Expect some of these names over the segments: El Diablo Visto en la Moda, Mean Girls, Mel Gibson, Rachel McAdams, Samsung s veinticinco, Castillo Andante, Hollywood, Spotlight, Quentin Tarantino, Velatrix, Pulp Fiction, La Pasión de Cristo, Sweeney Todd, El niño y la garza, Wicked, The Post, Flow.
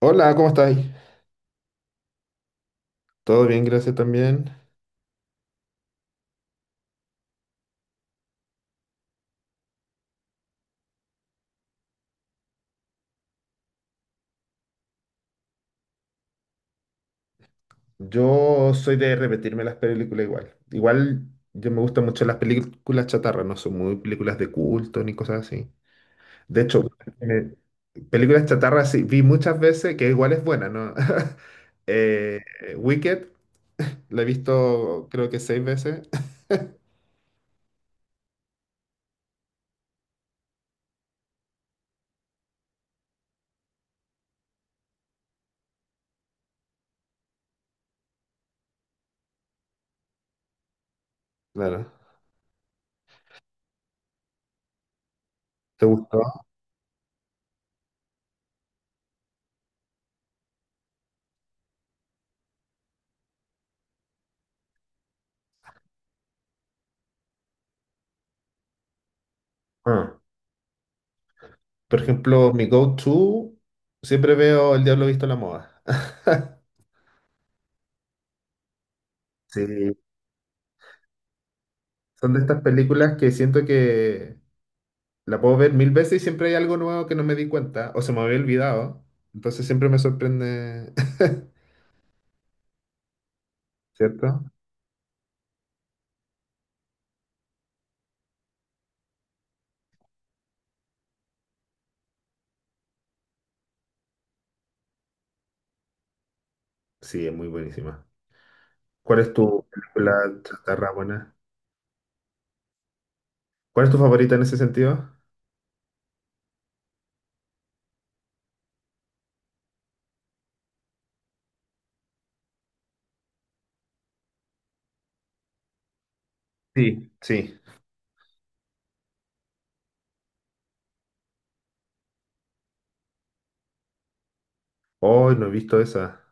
Hola, ¿cómo estáis? Todo bien, gracias también. Yo soy de repetirme las películas igual. Igual yo me gustan mucho las películas chatarra, no son muy películas de culto ni cosas así. De hecho, me- películas chatarra sí, vi muchas veces que igual es buena, ¿no? Eh, Wicked, la he visto creo que seis veces. Claro. ¿Te gustó? Ah. Por ejemplo, mi go-to, siempre veo El Diablo Visto en la Moda. Sí, son de estas películas que siento que la puedo ver mil veces y siempre hay algo nuevo que no me di cuenta o se me había olvidado. Entonces siempre me sorprende. ¿Cierto? Sí, es muy buenísima. ¿Cuál es tu película chatarra buena? ¿Cuál es tu favorita en ese sentido? Sí. Sí. Hoy no he visto esa.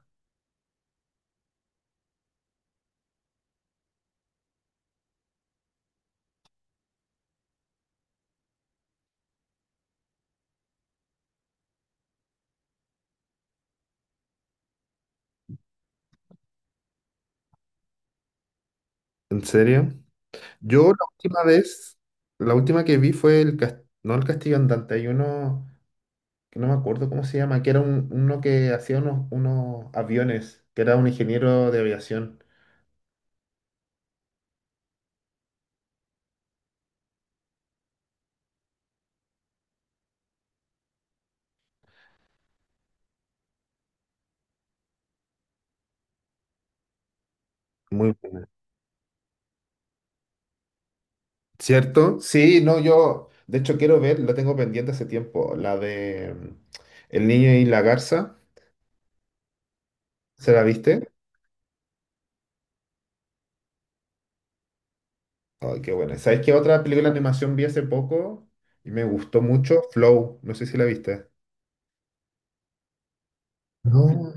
¿En serio? Yo la última vez, la última que vi fue no el Castillo Andante, hay uno que no me acuerdo cómo se llama, que era uno que hacía unos aviones, que era un ingeniero de aviación. Muy bueno. ¿Cierto? Sí, no, yo de hecho quiero ver, la tengo pendiente hace tiempo, la de El niño y la garza, ¿se la viste? Ay, qué buena. ¿Sabes qué otra película de animación vi hace poco y me gustó mucho? Flow, no sé si la viste. No.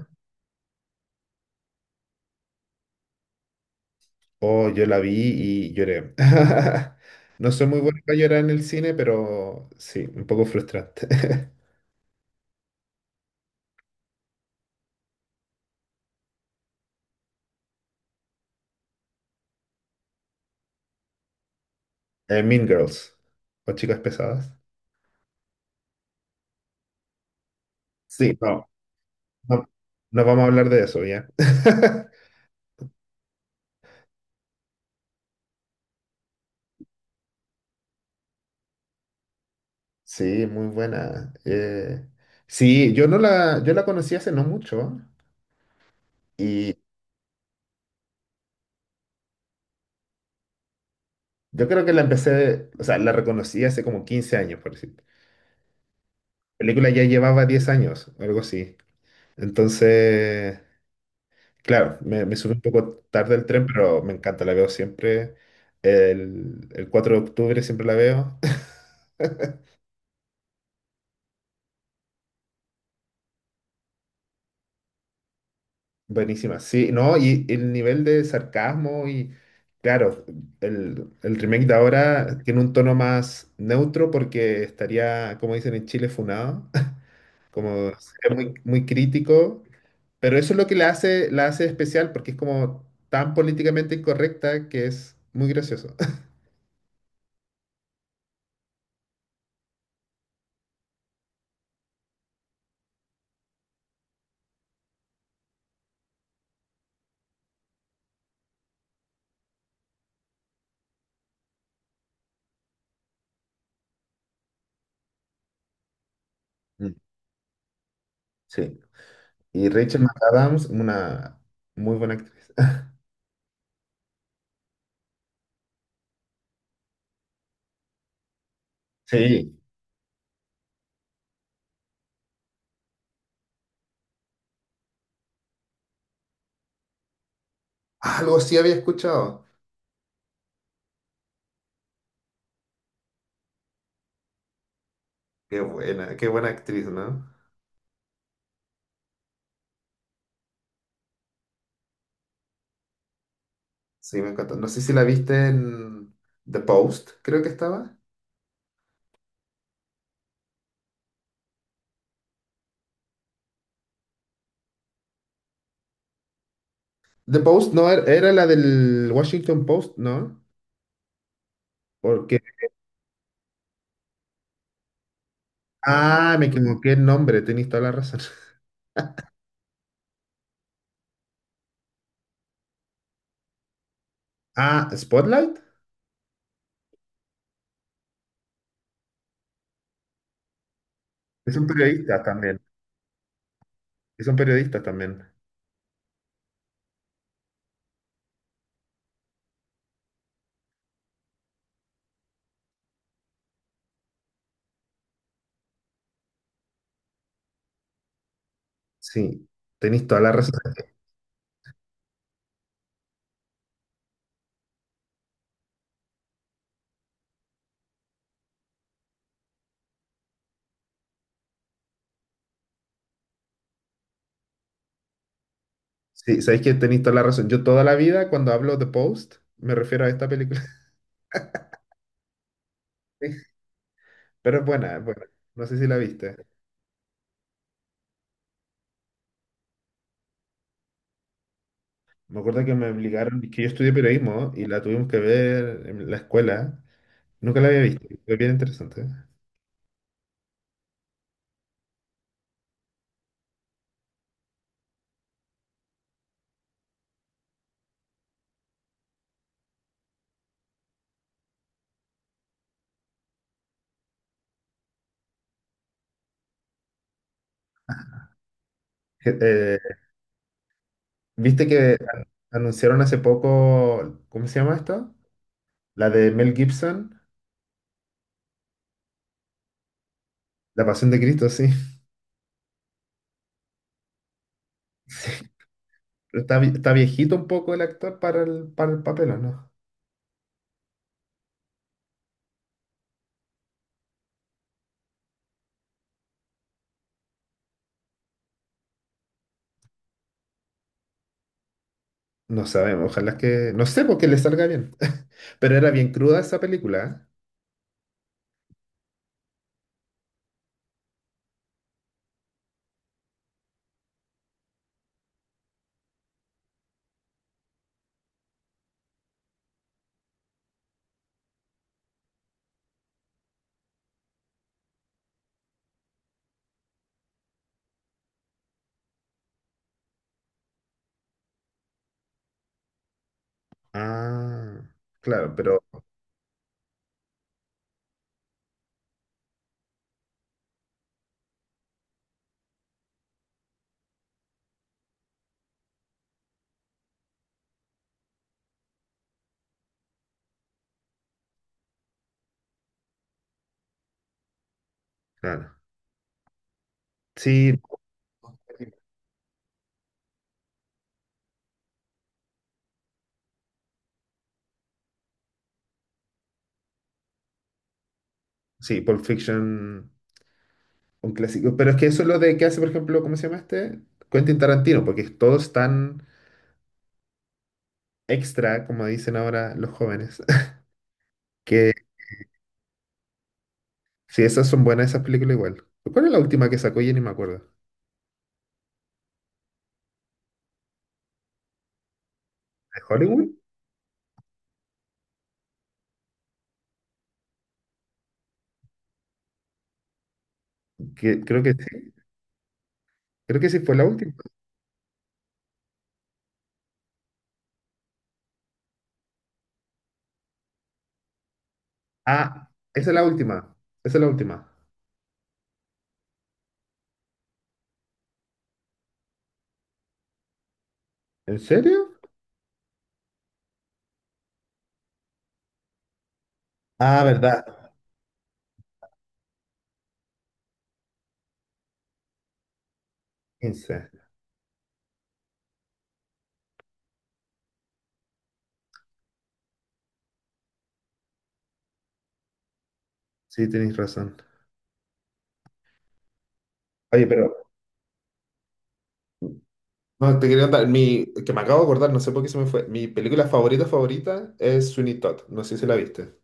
Oh, yo la vi y lloré. No soy muy bueno para llorar en el cine, pero sí, un poco frustrante. Mean Girls, o Chicas Pesadas. Sí, no, no, no vamos a hablar de eso, ¿ya? Sí, muy buena. Sí, yo la conocí hace no mucho y yo creo que la empecé, o sea, la reconocí hace como 15 años, por decir. La película ya llevaba 10 años, algo así. Entonces, claro, me subí un poco tarde al tren, pero me encanta, la veo siempre. El 4 de octubre siempre la veo. Buenísima, sí, no, y el nivel de sarcasmo y claro, el remake de ahora tiene un tono más neutro porque estaría, como dicen en Chile, funado, como sería muy, muy crítico, pero eso es lo que la hace especial porque es como tan políticamente incorrecta que es muy gracioso. Mm, sí. Y Rachel McAdams, una muy buena actriz. Sí, algo sí había escuchado. Qué buena actriz, ¿no? Sí, me encantó. No sé si la viste en The Post, creo que estaba. The Post no era, era la del Washington Post, ¿no? Porque. Ah, me equivoqué el nombre, tenéis toda la razón. Ah, Spotlight. Es un periodista también. Es un periodista también. Sí, tenéis toda la razón. Sí, sabéis que tenéis toda la razón. Yo toda la vida, cuando hablo de Post, me refiero a esta película. Pero es buena, es buena. No sé si la viste. Me acuerdo que me obligaron, que yo estudié periodismo y la tuvimos que ver en la escuela. Nunca la había visto. Es bien interesante. Je- eh, ¿Viste que anunciaron hace poco? ¿Cómo se llama esto? La de Mel Gibson, La Pasión de Cristo, sí. Pero está viejito un poco el actor para el papel, ¿o no? No sabemos, ojalá que, no sé, porque le salga bien. Pero era bien cruda esa película, ¿eh? Ah, claro. Claro. Sí, sí, Pulp Fiction, un clásico. Pero es que eso es lo de que hace, por ejemplo, ¿cómo se llama este? Quentin Tarantino, porque todos están extra, como dicen ahora los jóvenes. Que si esas son buenas, esas películas igual. ¿Cuál es la última que sacó? Ya ni me acuerdo. ¿De Hollywood? Que, creo que sí. Creo que sí fue la última. Ah, esa es la última. Esa es la última. ¿En serio? Ah, verdad. 15. Sí, tenéis razón. Oye. No, te quería contar, que me acabo de acordar, no sé por qué se me fue. Mi película favorita favorita es Sweeney Todd. No sé si la viste.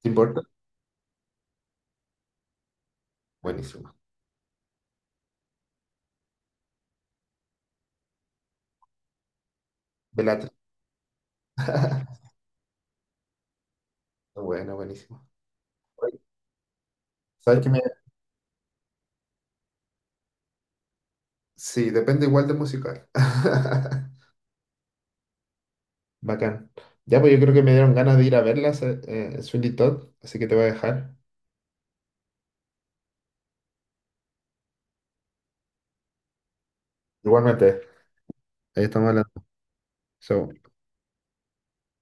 ¿Te importa? Buenísima. Velatrix. Bueno, buenísima. Oye, ¿Sabes qué me sí, depende igual de musical. Bacán. Ya, pues yo creo que me dieron ganas de ir a verlas, Sweeney Todd, así que te voy a dejar. Igualmente. Ahí estamos hablando. Chao.